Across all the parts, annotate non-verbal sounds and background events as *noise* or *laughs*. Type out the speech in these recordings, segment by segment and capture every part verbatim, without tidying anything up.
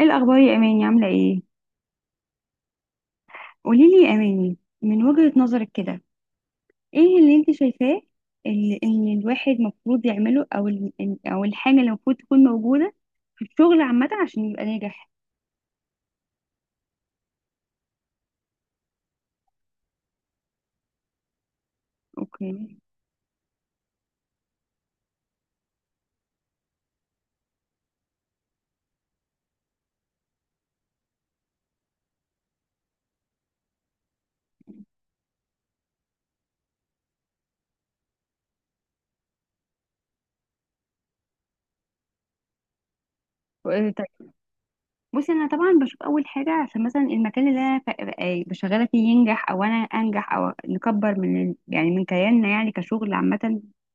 ايه الاخبار يا اماني، عامله ايه؟ قولي لي يا اماني من وجهة نظرك كده، ايه اللي انت شايفاه، اللي ان الواحد المفروض يعمله، او ال... إن- او الحاجه اللي المفروض تكون موجوده في الشغل عامه عشان يبقى ناجح. اوكي. إيه، طيب. بصي انا طبعا بشوف اول حاجه، عشان مثلا المكان اللي انا ف- آه، بشغاله فيه ينجح، او انا انجح، او نكبر من ال... يعني من كياننا، يعني كشغل عامه،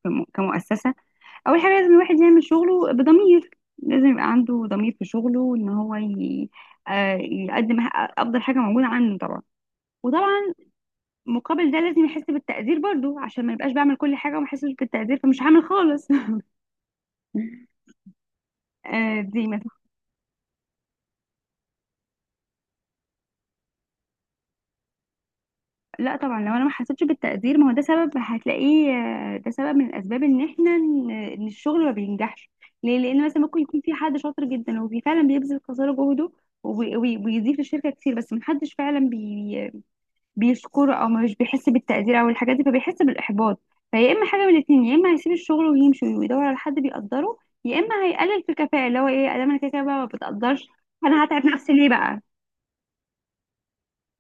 كم- كمؤسسه. اول حاجه، لازم الواحد يعمل شغله بضمير. لازم يبقى عنده ضمير في شغله، ان هو ي... آه، يقدم ح- افضل حاجه موجوده عنده طبعا. وطبعا، مقابل ده لازم يحس بالتقدير برضو، عشان ما يبقاش بعمل كل حاجه وما يحسش بالتقدير فمش هعمل خالص. *laughs* آه، دي ما. لا طبعا، لو انا ما حسيتش بالتقدير، ما هو ده سبب هتلاقيه. آه، ده سبب من الاسباب ان احنا ان إن الشغل ما بينجحش. ليه؟ لان مثلا ممكن يكون في حد شاطر جدا وفي فعلا بيبذل قصارى جهده، وبي- وبي- وبيضيف للشركه كتير، بس ما حدش فعلا بي بيشكره، او مش بيحس بالتقدير، او الحاجات دي، فبيحس بالاحباط. فيا اما حاجه من الاتنين، يا اما هيسيب الشغل ويمشي ويدور على حد بيقدره، يا اما هيقلل في الكفاءه، اللي هو ايه، ادام انا كده كده بقى ما بتقدرش. انا هتعب نفسي ليه بقى؟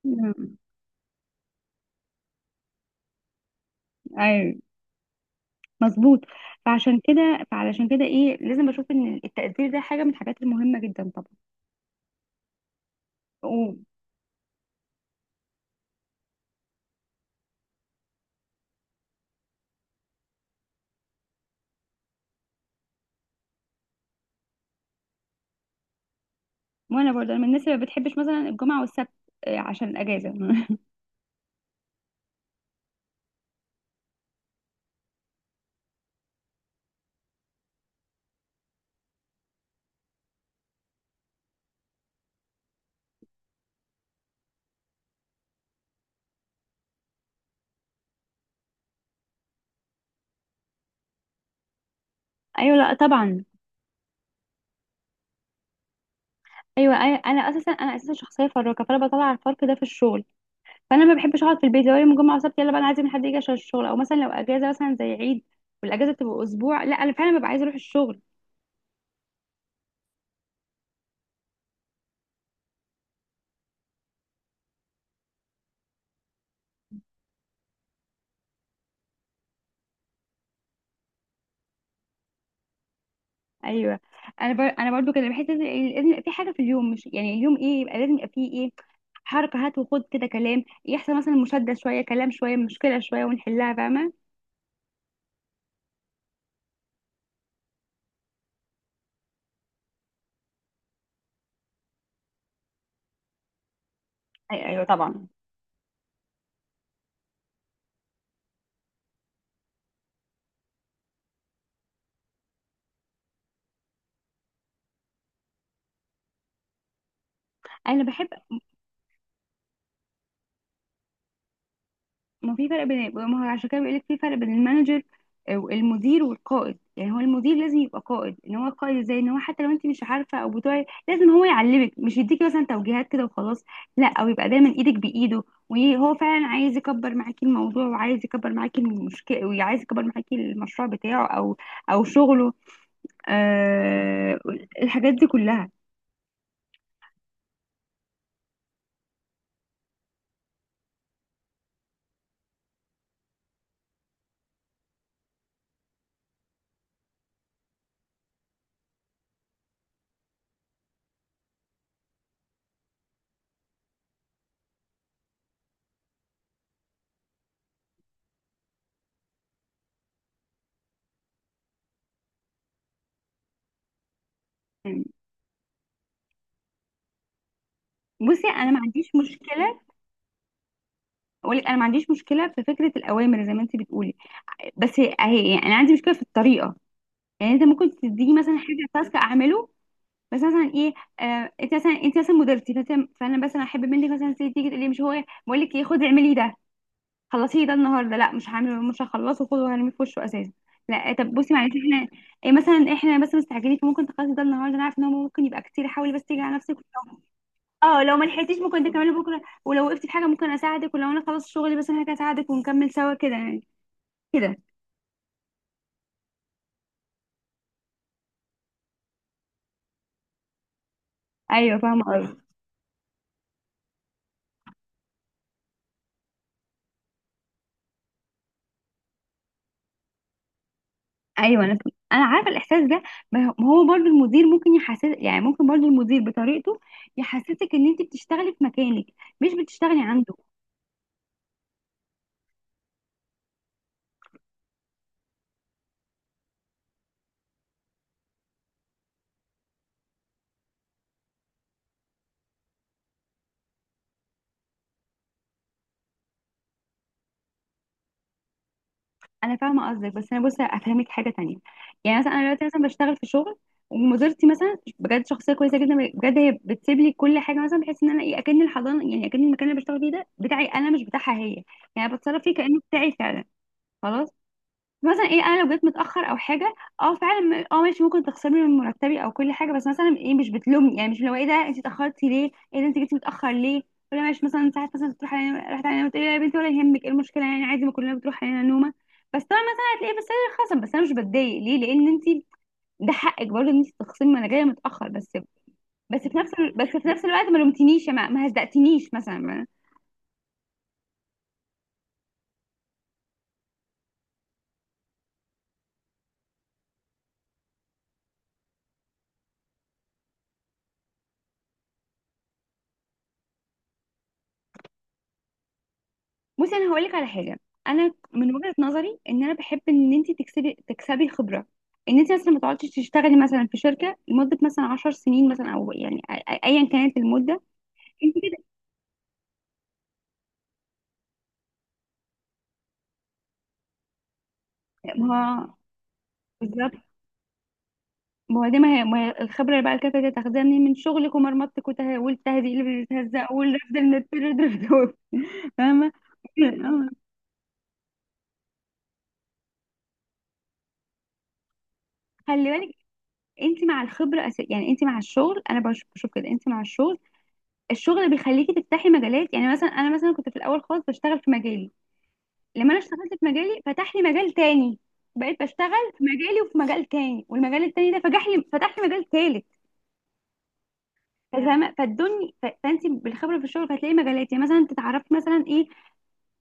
مم. ايوه. مظبوط. فعشان كده فعلشان كده ايه، لازم بشوف ان التقدير ده حاجه من الحاجات المهمه جدا طبعا. و- وانا برضه، أنا من الناس اللي ما بتحبش مثلا الجمعه والسبت، آه، عشان الاجازه. *laughs* ايوه، لا طبعا. ايوه، أي- انا اساسا انا اساسا شخصيه فراكه، فانا بطلع الفرق ده في الشغل. فانا ما بحبش اقعد في البيت، لو يوم الجمعه وسبت يلا بقى انا عايزه من حد يجي عشان الشغل، او مثلا لو اجازه مثلا زي عيد والاجازه تبقى اسبوع، لا انا فعلا ببقى عايزه اروح الشغل. ايوه. انا بر... انا برضو كده بحس ان لازم يبقى في حاجه في اليوم، مش يعني اليوم ايه، يبقى لازم يبقى فيه ايه، حركه، هات وخد كده، كلام يحصل، مثلا مشاده شويه، كلام شويه، مشكله شويه ونحلها، فاهمه؟ أي- ايوه طبعا. انا بحب. ما في فرق بين، ما هو عشان كده بيقول لك في فرق بين المانجر والمدير والقائد، يعني هو المدير لازم يبقى قائد، ان هو قائد ازاي، ان هو حتى لو انت مش عارفه او بتوعي لازم هو يعلمك، مش يديكي مثلا توجيهات كده وخلاص. لا، او يبقى دايما ايدك بايده، وهو فعلا عايز يكبر معاكي الموضوع، وعايز يكبر معاكي المشكله، وعايز يكبر معاكي المشروع بتاعه، او او شغله. آه. الحاجات دي كلها، يعني. بصي، انا ما عنديش مشكله، اقول لك انا ما عنديش مشكله في فكره الاوامر زي ما انت بتقولي. بس هي هي- يعني انا عندي مشكله في الطريقه. يعني انت ممكن تديني مثلا حاجه، تاسك اعمله، بس مثلا ايه، آه انت مثلا انت مثلا مديرتي، فأنت- فانا مثلا احب منك مثلا تيجي تيجي تقول لي، مش هو بقول لك ايه خدي اعملي ده، خلصيه ده النهارده، لا مش هعمله مش هخلصه، خده وهرميه في وشه اساسا. لا. آه، طب بصي معلش، احنا إيه مثلا، احنا بس مستعجلين فممكن تخلصي ده النهارده، انا عارفه ان هو ممكن يبقى كتير، حاولي بس تيجي على نفسك. اه، لو ما لحقتيش ممكن تكملي بكره، ولو وقفتي في حاجه ممكن اساعدك، ولو انا خلصت شغلي بس انا هساعدك ونكمل سوا كده يعني، كده. ايوه، فاهمه قصدك. ايوه، انا انا عارفه الاحساس ده. ما هو ما هو برضو المدير ممكن يحسس، يعني ممكن برضو المدير بطريقته يحسسك ان انت بتشتغلي في مكانك، مش بتشتغلي عنده. انا فاهمه قصدك بس انا بصي افهمك حاجه تانية. يعني مثلا انا دلوقتي مثلا بشتغل في شغل، ومديرتي مثلا بجد شخصيه كويسه جدا، بجد هي بتسيب لي كل حاجه مثلا، بحيث ان انا ايه اكن الحضانه، يعني اكن المكان اللي بشتغل فيه ده بتاعي انا مش بتاعها هي. يعني بتصرف فيه كانه بتاعي فعلا. خلاص. مثلا ايه، انا لو جيت متاخر او حاجه، اه فعلا م- اه ماشي، ممكن تخسرني من مرتبي او كل حاجه، بس مثلا ايه مش بتلومني، يعني مش لو ايه ده انت اتاخرتي ليه، ايه ده انت جيتي متاخر ليه. ولا ماشي، مثلا ساعات مثلا بتروح علينا، رحت علينا بتقولي يا بنتي ولا يهمك، ايه المشكله يعني عادي، ما كلنا بتروح علينا نومه. بس طبعا مثلا هتلاقيه، بس انا خصم، بس انا مش بتضايق، ليه لان انت ده حقك برضه ان انت تخصمي، ما انا جايه متاخر بس. بس في نفس ال... بس في نفس الوقت ما لومتنيش يا ما، ما هزقتنيش مثلا. بصي، انا هقول لك على حاجه. انا من وجهه نظري ان انا بحب ان انت تكسبي تكسبي خبره، ان انت مثلا ما تقعديش تشتغلي مثلا في شركه لمده مثلا 10 سنين مثلا، او يعني أ- أ- ايا كانت المده. انت كده. ما هو، بالظبط. ما هو دي ما هي ما هي الخبره اللي بعد كده تقدري تاخديها منين، من شغلك ومرمطتك، وته- والتهزيق اللي بتتهزق، والرفض اللي بتترفض، فاهمه؟ *laughs* آه. خلي بالك. انت مع الخبره أس... يعني انت مع الشغل، انا بش- بشوف كده انت مع الشغل. الشغل بيخليكي تفتحي مجالات، يعني مثلا انا مثلا كنت في الاول خالص بشتغل في مجالي، لما انا اشتغلت في مجالي فتح لي مجال تاني. بقيت بشتغل في مجالي وفي مجال تاني، والمجال التاني ده فتح لي فتح لي مجال تالت. فاهمه؟ فالدنيا، ف- فانت بالخبره في الشغل هتلاقي مجالات، يعني مثلا تتعرفي مثلا ايه،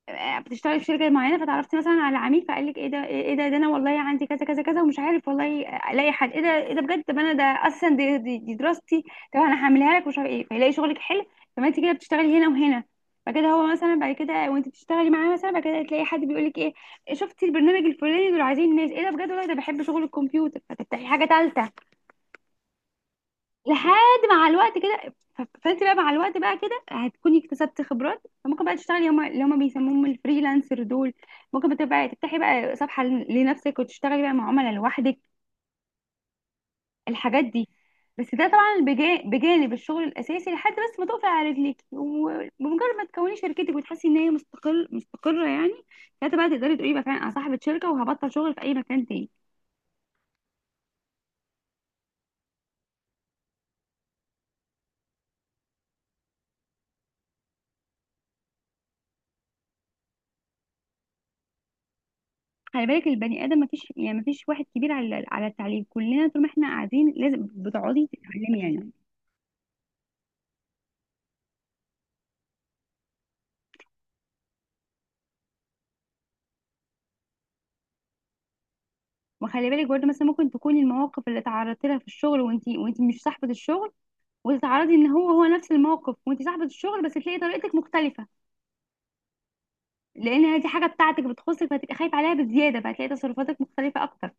آه، بتشتغلي في شركه معينه فتعرفتي مثلا على عميل، فقال لك ايه ده ايه إيه ده إيه ده انا والله عندي كذا كذا كذا ومش عارف والله، الاقي حد، ايه ده ايه ده بجد، طب انا ده اساسا دي, دي, دي دراستي، طب انا هعملها لك ومش عارف ايه، فيلاقي شغلك حلو. فما انت كده بتشتغلي هنا وهنا، فكده هو مثلا بعد كده وانت بتشتغلي معاه، مثلا بعد كده تلاقي حد بيقول لك ايه، شفتي البرنامج الفلاني، دول عايزين ناس، ايه ده بجد والله ده بحب شغل الكمبيوتر، فتفتحي حاجه ثالثه، لحد مع الوقت كده. ف- فانت بقى مع الوقت بقى كده هتكوني اكتسبت خبرات، فممكن بقى تشتغلي هم اللي هم بيسموهم الفريلانسر دول، ممكن بقى تفتحي بقى صفحة لنفسك، وتشتغلي بقى مع عملاء لوحدك، الحاجات دي. بس ده طبعا بجا- بجانب الشغل الاساسي، لحد بس ما تقفي على رجليك، وبمجرد ما تكوني شركتك وتحسي ان هي مستقل مستقره يعني، ساعتها بقى تقدري تقولي بقى فعلا انا صاحبه شركه وهبطل شغل في اي مكان تاني. خلي بالك البني ادم، مفيش يعني مفيش واحد كبير على على التعليم، كلنا طول ما احنا قاعدين لازم بتقعدي تتعلمي يعني. وخلي بالك برضه، مثلا ممكن تكوني المواقف اللي تعرضتي لها في الشغل وانت وانت مش صاحبة الشغل، وتتعرضي ان هو هو نفس الموقف وانت صاحبة الشغل، بس تلاقي طريقتك مختلفة، لان هذه حاجة بتاعتك بتخصك، فهتبقي خايفة عليها بزيادة، فهتلاقي تصرفاتك مختلفة اكتر.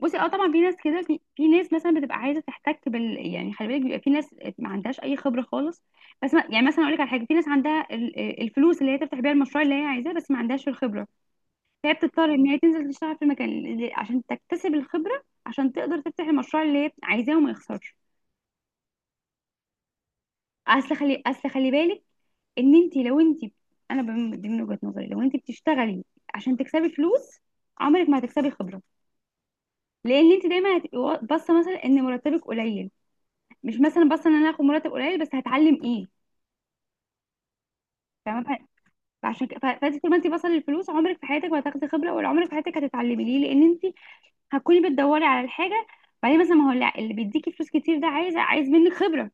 بصي، اه طبعا في ناس كده، في, في ناس مثلا بتبقى عايزه تحتك بال، يعني خلي بالك بيبقى في ناس ما عندهاش اي خبره خالص، بس ما يعني مثلا اقول لك على حاجه، في ناس عندها ال- الفلوس اللي هي تفتح بيها المشروع اللي هي عايزاه، بس ما عندهاش الخبره، فهي بتضطر ان هي تنزل تشتغل في المكان اللي- عشان تكتسب الخبره، عشان تقدر تفتح المشروع اللي هي عايزاه وما يخسرش. اصل خلي اصل خلي بالك ان انت لو انت، انا بم- دي من وجهه نظري، لو انت بتشتغلي عشان تكسبي فلوس، عمرك ما هتكسبي خبره، لان انت دايما هتبقي وا- باصه مثلا ان مرتبك قليل، مش مثلا بس ان انا هاخد مرتب قليل بس هتعلم ايه، فاهمه؟ ف- فعشان كده ف- فانت طول ما انت بصل للفلوس عمرك في حياتك ما هتاخدي خبره، ولا عمرك في حياتك هتتعلمي، ليه، لان انت هتكوني بتدوري على الحاجه، بعدين مثلا ما هو لا، اللي بيديكي فلوس كتير ده عايز عايز منك خبره.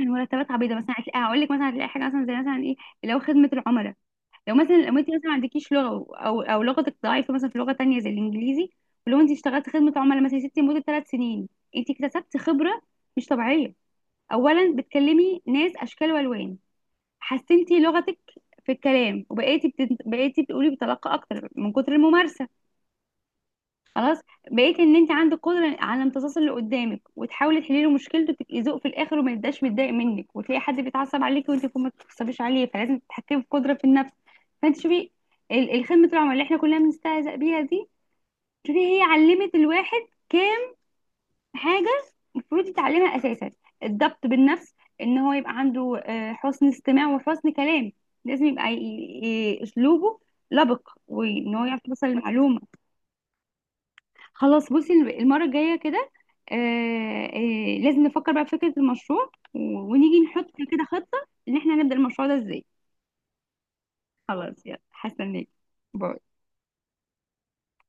المرتبات عبيطه، مثلا هتلاقي، هقول لك مثلا هتلاقي حاجه مثلا زي مثلا ايه، اللي هو خدمه العملاء. لو مثلا، لو انت مثلا ما عندكيش لغه، او او لغتك ضعيفه مثلا في لغه تانية زي الانجليزي، ولو انت اشتغلت خدمه عملاء مثلا يا ستي لمده ثلاث سنين، انت اكتسبت خبره مش طبيعيه. اولا، بتكلمي ناس اشكال والوان، حسنتي لغتك في الكلام، وبقيتي بتت... بقيتي بتقولي بطلاقة اكتر من كتر الممارسة. خلاص، بقيتي ان انت عندك قدرة على امتصاص اللي قدامك، وتحاولي تحلي له مشكلته، وتبقي ذوق في الاخر وما يبقاش متضايق منك، وتلاقي حد بيتعصب عليك وانت يكون ما بتتعصبيش عليه، فلازم تتحكمي في قدرة في النفس. فانت شوفي، ال- الخدمة العملاء اللي احنا كلنا بنستهزأ بيها دي، شوفي هي علمت الواحد حاجة المفروض يتعلمها أساسا، الضبط بالنفس، إن هو يبقى عنده، آه، حسن استماع وحسن كلام، لازم يبقى ي- ي- أسلوبه لبق، وإن هو يعرف يوصل المعلومة. خلاص بصي، المرة الجاية كده آه، آه، لازم نفكر بقى في فكرة المشروع، و- ونيجي نحط كده خطة، إن إحنا هنبدأ المشروع ده إزاي. خلاص، يلا هستناك، باي.